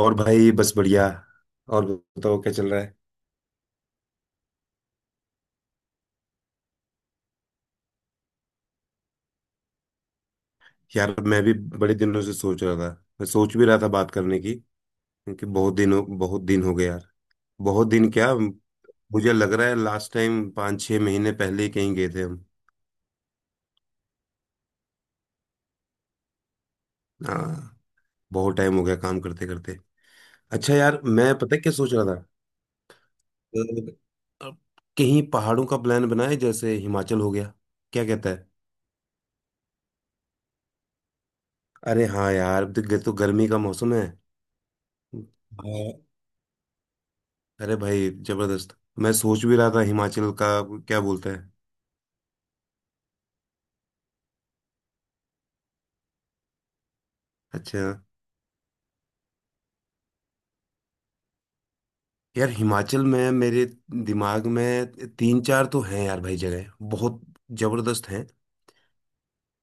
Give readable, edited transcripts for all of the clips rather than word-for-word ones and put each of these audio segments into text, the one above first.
और भाई बस बढ़िया। और बताओ क्या चल रहा है। यार मैं भी बड़े दिनों से सोच रहा था। मैं सोच भी रहा था बात करने की। क्योंकि बहुत दिन हो गए यार। बहुत दिन क्या। मुझे लग रहा है लास्ट टाइम 5-6 महीने पहले ही कहीं गए थे हम। हाँ। बहुत टाइम हो गया काम करते करते। अच्छा यार मैं पता है क्या सोच रहा था। अ, अ, कहीं पहाड़ों का प्लान बनाए जैसे हिमाचल हो गया। क्या कहता है। अरे हाँ यार देख, तो गर्मी का मौसम है। हाँ, अरे भाई जबरदस्त। मैं सोच भी रहा था हिमाचल का। क्या बोलता है। अच्छा यार हिमाचल में मेरे दिमाग में तीन चार तो हैं यार भाई जगह। बहुत जबरदस्त हैं।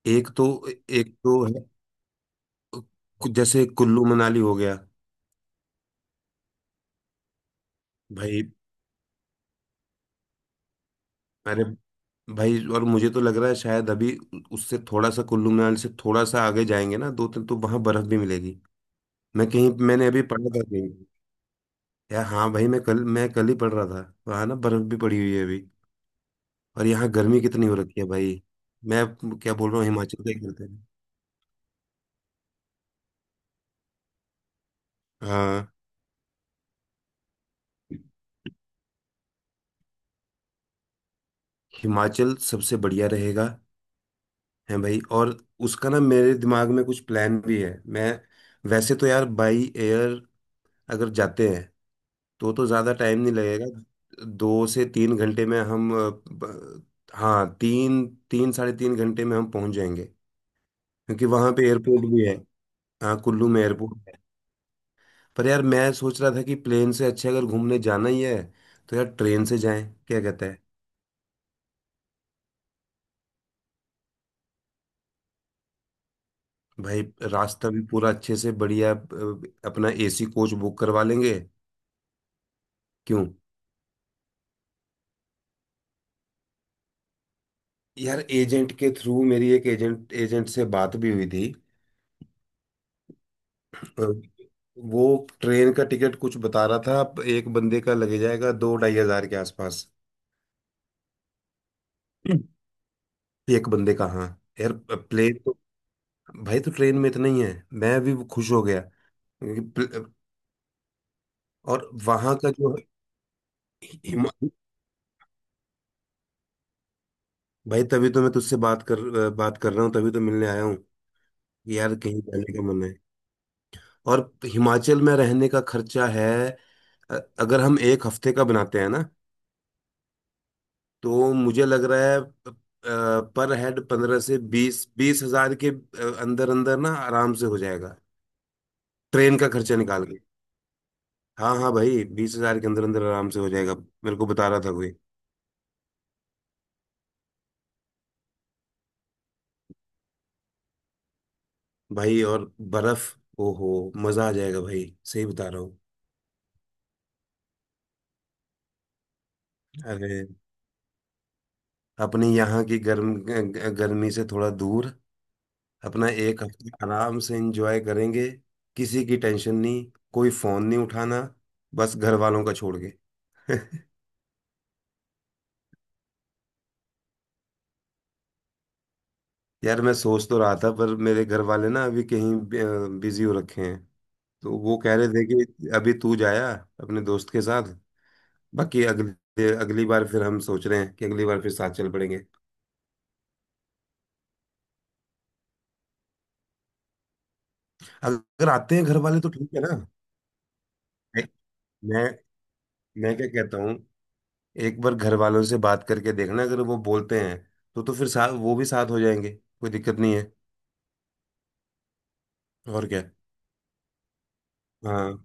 एक तो है जैसे कुल्लू मनाली हो गया भाई। अरे भाई और मुझे तो लग रहा है शायद अभी उससे थोड़ा सा कुल्लू मनाली से थोड़ा सा आगे जाएंगे ना दो तीन तो वहां बर्फ भी मिलेगी। मैंने अभी पढ़ा था कहीं। यार हाँ भाई मैं कल ही पढ़ रहा था वहाँ ना बर्फ भी पड़ी हुई है अभी। और यहाँ गर्मी कितनी हो रखी है भाई। मैं क्या बोल रहा हूँ हिमाचल का ही करते हैं। हाँ, हिमाचल सबसे बढ़िया रहेगा। है भाई। और उसका ना मेरे दिमाग में कुछ प्लान भी है। मैं वैसे तो यार बाई एयर अगर जाते हैं तो ज़्यादा टाइम नहीं लगेगा 2 से 3 घंटे में हम हाँ, तीन तीन साढ़े 3 घंटे में हम पहुंच जाएंगे। क्योंकि वहाँ पे एयरपोर्ट भी है। हाँ, कुल्लू में एयरपोर्ट। पर यार मैं सोच रहा था कि प्लेन से अच्छे अगर घूमने जाना ही है तो यार ट्रेन से जाएं। क्या कहता है। भाई रास्ता भी पूरा अच्छे से बढ़िया। अपना एसी कोच बुक करवा लेंगे। क्यों। यार एजेंट के थ्रू मेरी एक एजेंट एजेंट से बात भी हुई थी। अ, वो ट्रेन का टिकट कुछ बता रहा था। एक बंदे का लगे जाएगा 2 ढाई हज़ार के आसपास। हम्म। एक बंदे का हाँ। यार प्लेन तो भाई तो ट्रेन में इतना ही है। मैं भी खुश हो गया। क्योंकि और वहां का जो हिमा- भाई तभी तो मैं तुझसे बात कर रहा हूँ तभी तो मिलने आया हूँ। कि यार कहीं जाने का मन है। और हिमाचल में रहने का खर्चा है। अगर हम एक हफ्ते का बनाते हैं ना तो मुझे लग रहा है पर हेड पंद्रह से बीस बीस हजार के अंदर अंदर ना आराम से हो जाएगा। ट्रेन का खर्चा निकाल के। हाँ हाँ भाई 20 हज़ार के अंदर अंदर आराम से हो जाएगा। मेरे को बता रहा था कोई। भाई और बर्फ ओहो मजा आ जाएगा भाई सही बता रहा हूँ। अरे अपने यहाँ की गर्मी से थोड़ा दूर अपना एक हफ्ता आराम से एंजॉय करेंगे। किसी की टेंशन नहीं। कोई फोन नहीं उठाना। बस घर वालों का छोड़ के यार मैं सोच तो रहा था पर मेरे घर वाले ना अभी कहीं बिजी हो रखे हैं। तो वो कह रहे थे कि अभी तू जाया अपने दोस्त के साथ। बाकी अगली अगली बार फिर हम सोच रहे हैं कि अगली बार फिर साथ चल पड़ेंगे। अगर आते हैं घर वाले तो ठीक है ना। मैं मैं क्या कहता हूँ। एक बार घर वालों से बात करके देखना अगर वो बोलते हैं तो फिर साथ वो भी साथ हो जाएंगे कोई दिक्कत नहीं है। और क्या। हाँ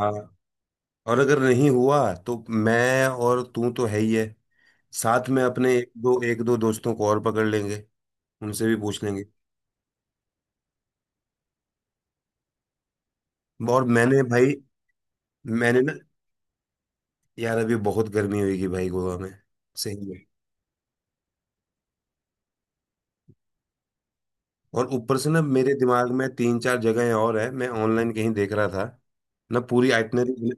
हाँ। और अगर नहीं हुआ तो मैं और तू तो है ही है। साथ में अपने एक दो दोस्तों को और पकड़ लेंगे। उनसे भी पूछ लेंगे। और मैंने भाई मैंने ना यार अभी बहुत गर्मी होगी भाई गोवा में। सही में। और ऊपर से ना मेरे दिमाग में तीन चार जगहें और है मैं ऑनलाइन कहीं देख रहा था। ना पूरी आइटनरी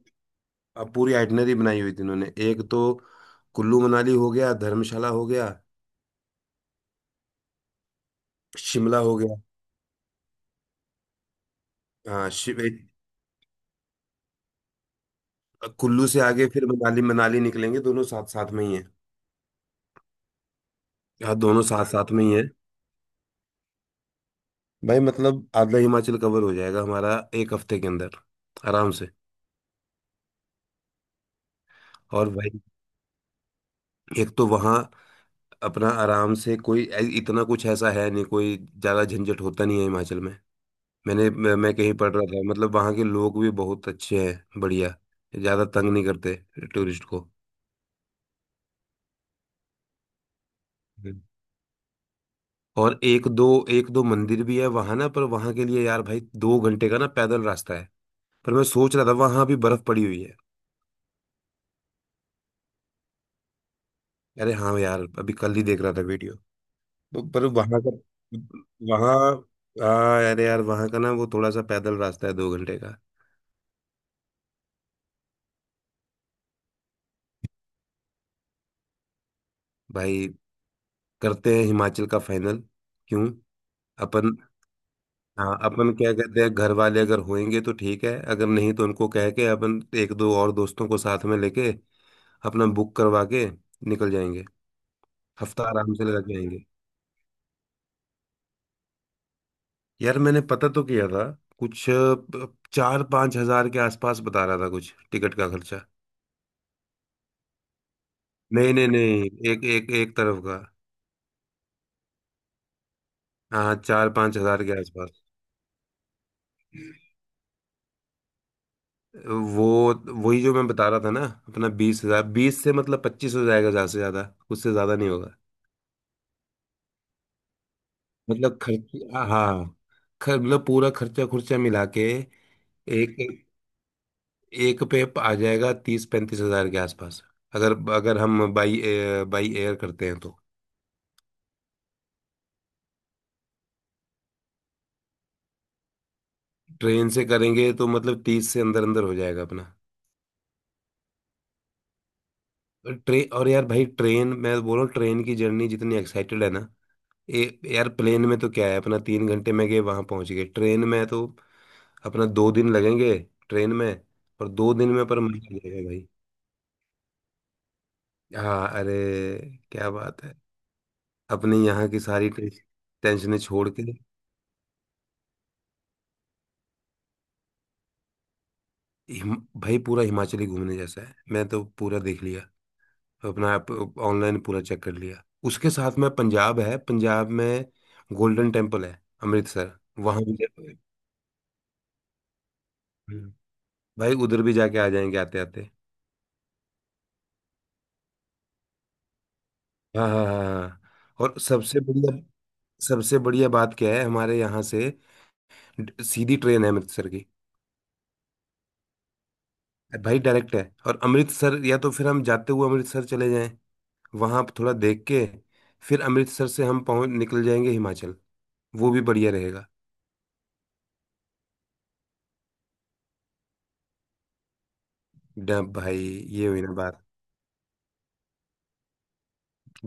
अब पूरी आइटनरी बनाई हुई थी इन्होंने एक तो कुल्लू मनाली हो गया धर्मशाला हो गया शिमला हो गया। हाँ शिव कुल्लू से आगे फिर मनाली मनाली निकलेंगे दोनों साथ साथ में ही है। हाँ दोनों साथ साथ में ही है। भाई मतलब आधा हिमाचल कवर हो जाएगा हमारा एक हफ्ते के अंदर आराम से। और भाई एक तो वहाँ अपना आराम से कोई इतना कुछ ऐसा है नहीं कोई ज्यादा झंझट होता नहीं है हिमाचल में। मैंने मैं कहीं पढ़ रहा था मतलब वहाँ के लोग भी बहुत अच्छे हैं बढ़िया। ज़्यादा तंग नहीं करते टूरिस्ट को। हम्म। और एक दो मंदिर भी है वहाँ ना पर वहाँ के लिए यार भाई 2 घंटे का ना पैदल रास्ता है। पर मैं सोच रहा था वहाँ भी बर्फ पड़ी हुई है। अरे हाँ यार अभी कल ही देख रहा था वीडियो। तो पर वहाँ का वहाँ, हाँ अरे यार वहाँ का ना वो थोड़ा सा पैदल रास्ता है 2 घंटे का। भाई करते हैं हिमाचल का फाइनल। क्यों। अपन, हाँ अपन क्या कहते हैं घर वाले अगर होंगे तो ठीक है अगर नहीं तो उनको कह के अपन एक दो और दोस्तों को साथ में लेके अपना बुक करवा के निकल जाएंगे। हफ्ता आराम से लगा के आएंगे। यार मैंने पता तो किया था कुछ 4-5 हज़ार के आसपास बता रहा था कुछ टिकट का खर्चा। नहीं नहीं नहीं, एक एक एक तरफ का। हाँ हाँ, 4-5 हज़ार के आसपास। वो वही जो मैं बता रहा था ना अपना 20 हज़ार बीस से मतलब 25 हो जाएगा ज्यादा से ज्यादा उससे ज्यादा नहीं होगा। मतलब खर्च हाँ मतलब पूरा खर्चा खुर्चा मिला के एक एक पे आ जाएगा 30-35 हज़ार के आसपास अगर अगर हम बाई बाई एयर करते हैं तो। ट्रेन से करेंगे तो मतलब 30 से अंदर अंदर हो जाएगा अपना। ट्रेन और यार भाई ट्रेन मैं बोल रहा हूँ ट्रेन की जर्नी जितनी एक्साइटेड है ना। यार प्लेन में तो क्या है अपना 3 घंटे में गए वहां पहुंच गए ट्रेन में तो अपना 2 दिन लगेंगे ट्रेन में और 2 दिन में पर मजा आ जाएगा भाई। हाँ अरे क्या बात है। अपने यहाँ की सारी टेंशनें छोड़ के। भाई पूरा हिमाचली घूमने जैसा है मैं तो पूरा देख लिया अपना आप ऑनलाइन पूरा चेक कर लिया उसके साथ में पंजाब है पंजाब में गोल्डन टेम्पल है अमृतसर। वहाँ भी हम्म, भाई उधर भी जाके आ जाएंगे आते आते। हाँ हाँ हाँ हाँ। और सबसे बढ़िया बात क्या है हमारे यहाँ से सीधी ट्रेन है अमृतसर की। भाई डायरेक्ट है। और अमृतसर या तो फिर हम जाते हुए अमृतसर चले जाएं वहाँ आप थोड़ा देख के फिर अमृतसर से हम पहुँच निकल जाएंगे हिमाचल। वो भी बढ़िया रहेगा। डन भाई ये हुई ना बात।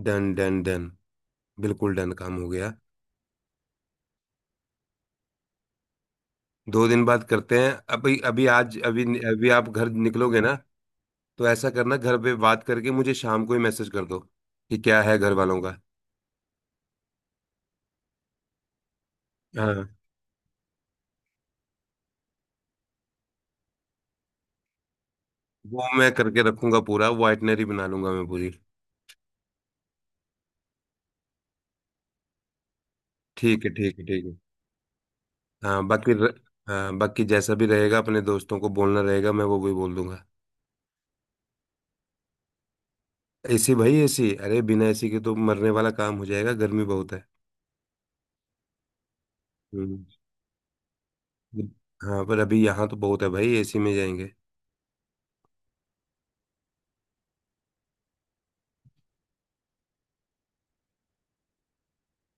Done done done. बिल्कुल डन काम हो गया। 2 दिन बाद करते हैं अभी अभी आज अभी। अभी आप घर निकलोगे ना तो ऐसा करना घर पे बात करके मुझे शाम को ही मैसेज कर दो कि क्या है घर वालों का। हाँ वो मैं करके रखूंगा पूरा वो आइटनरी बना लूंगा मैं पूरी। ठीक है ठीक है ठीक है। हाँ बाकी हाँ बाकी जैसा भी रहेगा अपने दोस्तों को बोलना रहेगा मैं वो भी बोल दूंगा। एसी भाई एसी अरे बिना एसी के तो मरने वाला काम हो जाएगा गर्मी बहुत है। हम्म, हाँ पर अभी यहाँ तो बहुत है भाई एसी में जाएंगे।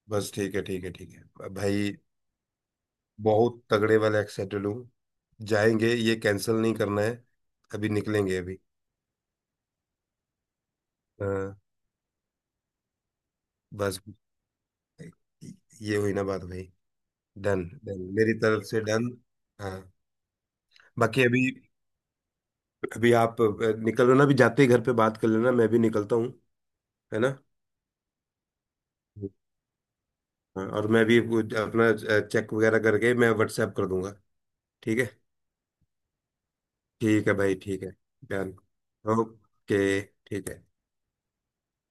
बस ठीक है ठीक है ठीक है भाई। बहुत तगड़े वाले एक्साइटेड हूँ। जाएंगे ये कैंसिल नहीं करना है। अभी निकलेंगे अभी। हाँ, बस ये हुई ना बात भाई। डन डन मेरी तरफ से डन। हाँ बाकी अभी अभी आप निकल रहे हो ना अभी जाते ही घर पे बात कर लेना मैं भी निकलता हूँ। है ना। हाँ, और मैं भी वो अपना चेक वगैरह करके मैं व्हाट्सएप कर दूंगा। ठीक है। ठीक है भाई ठीक है। डन ओके ठीक है।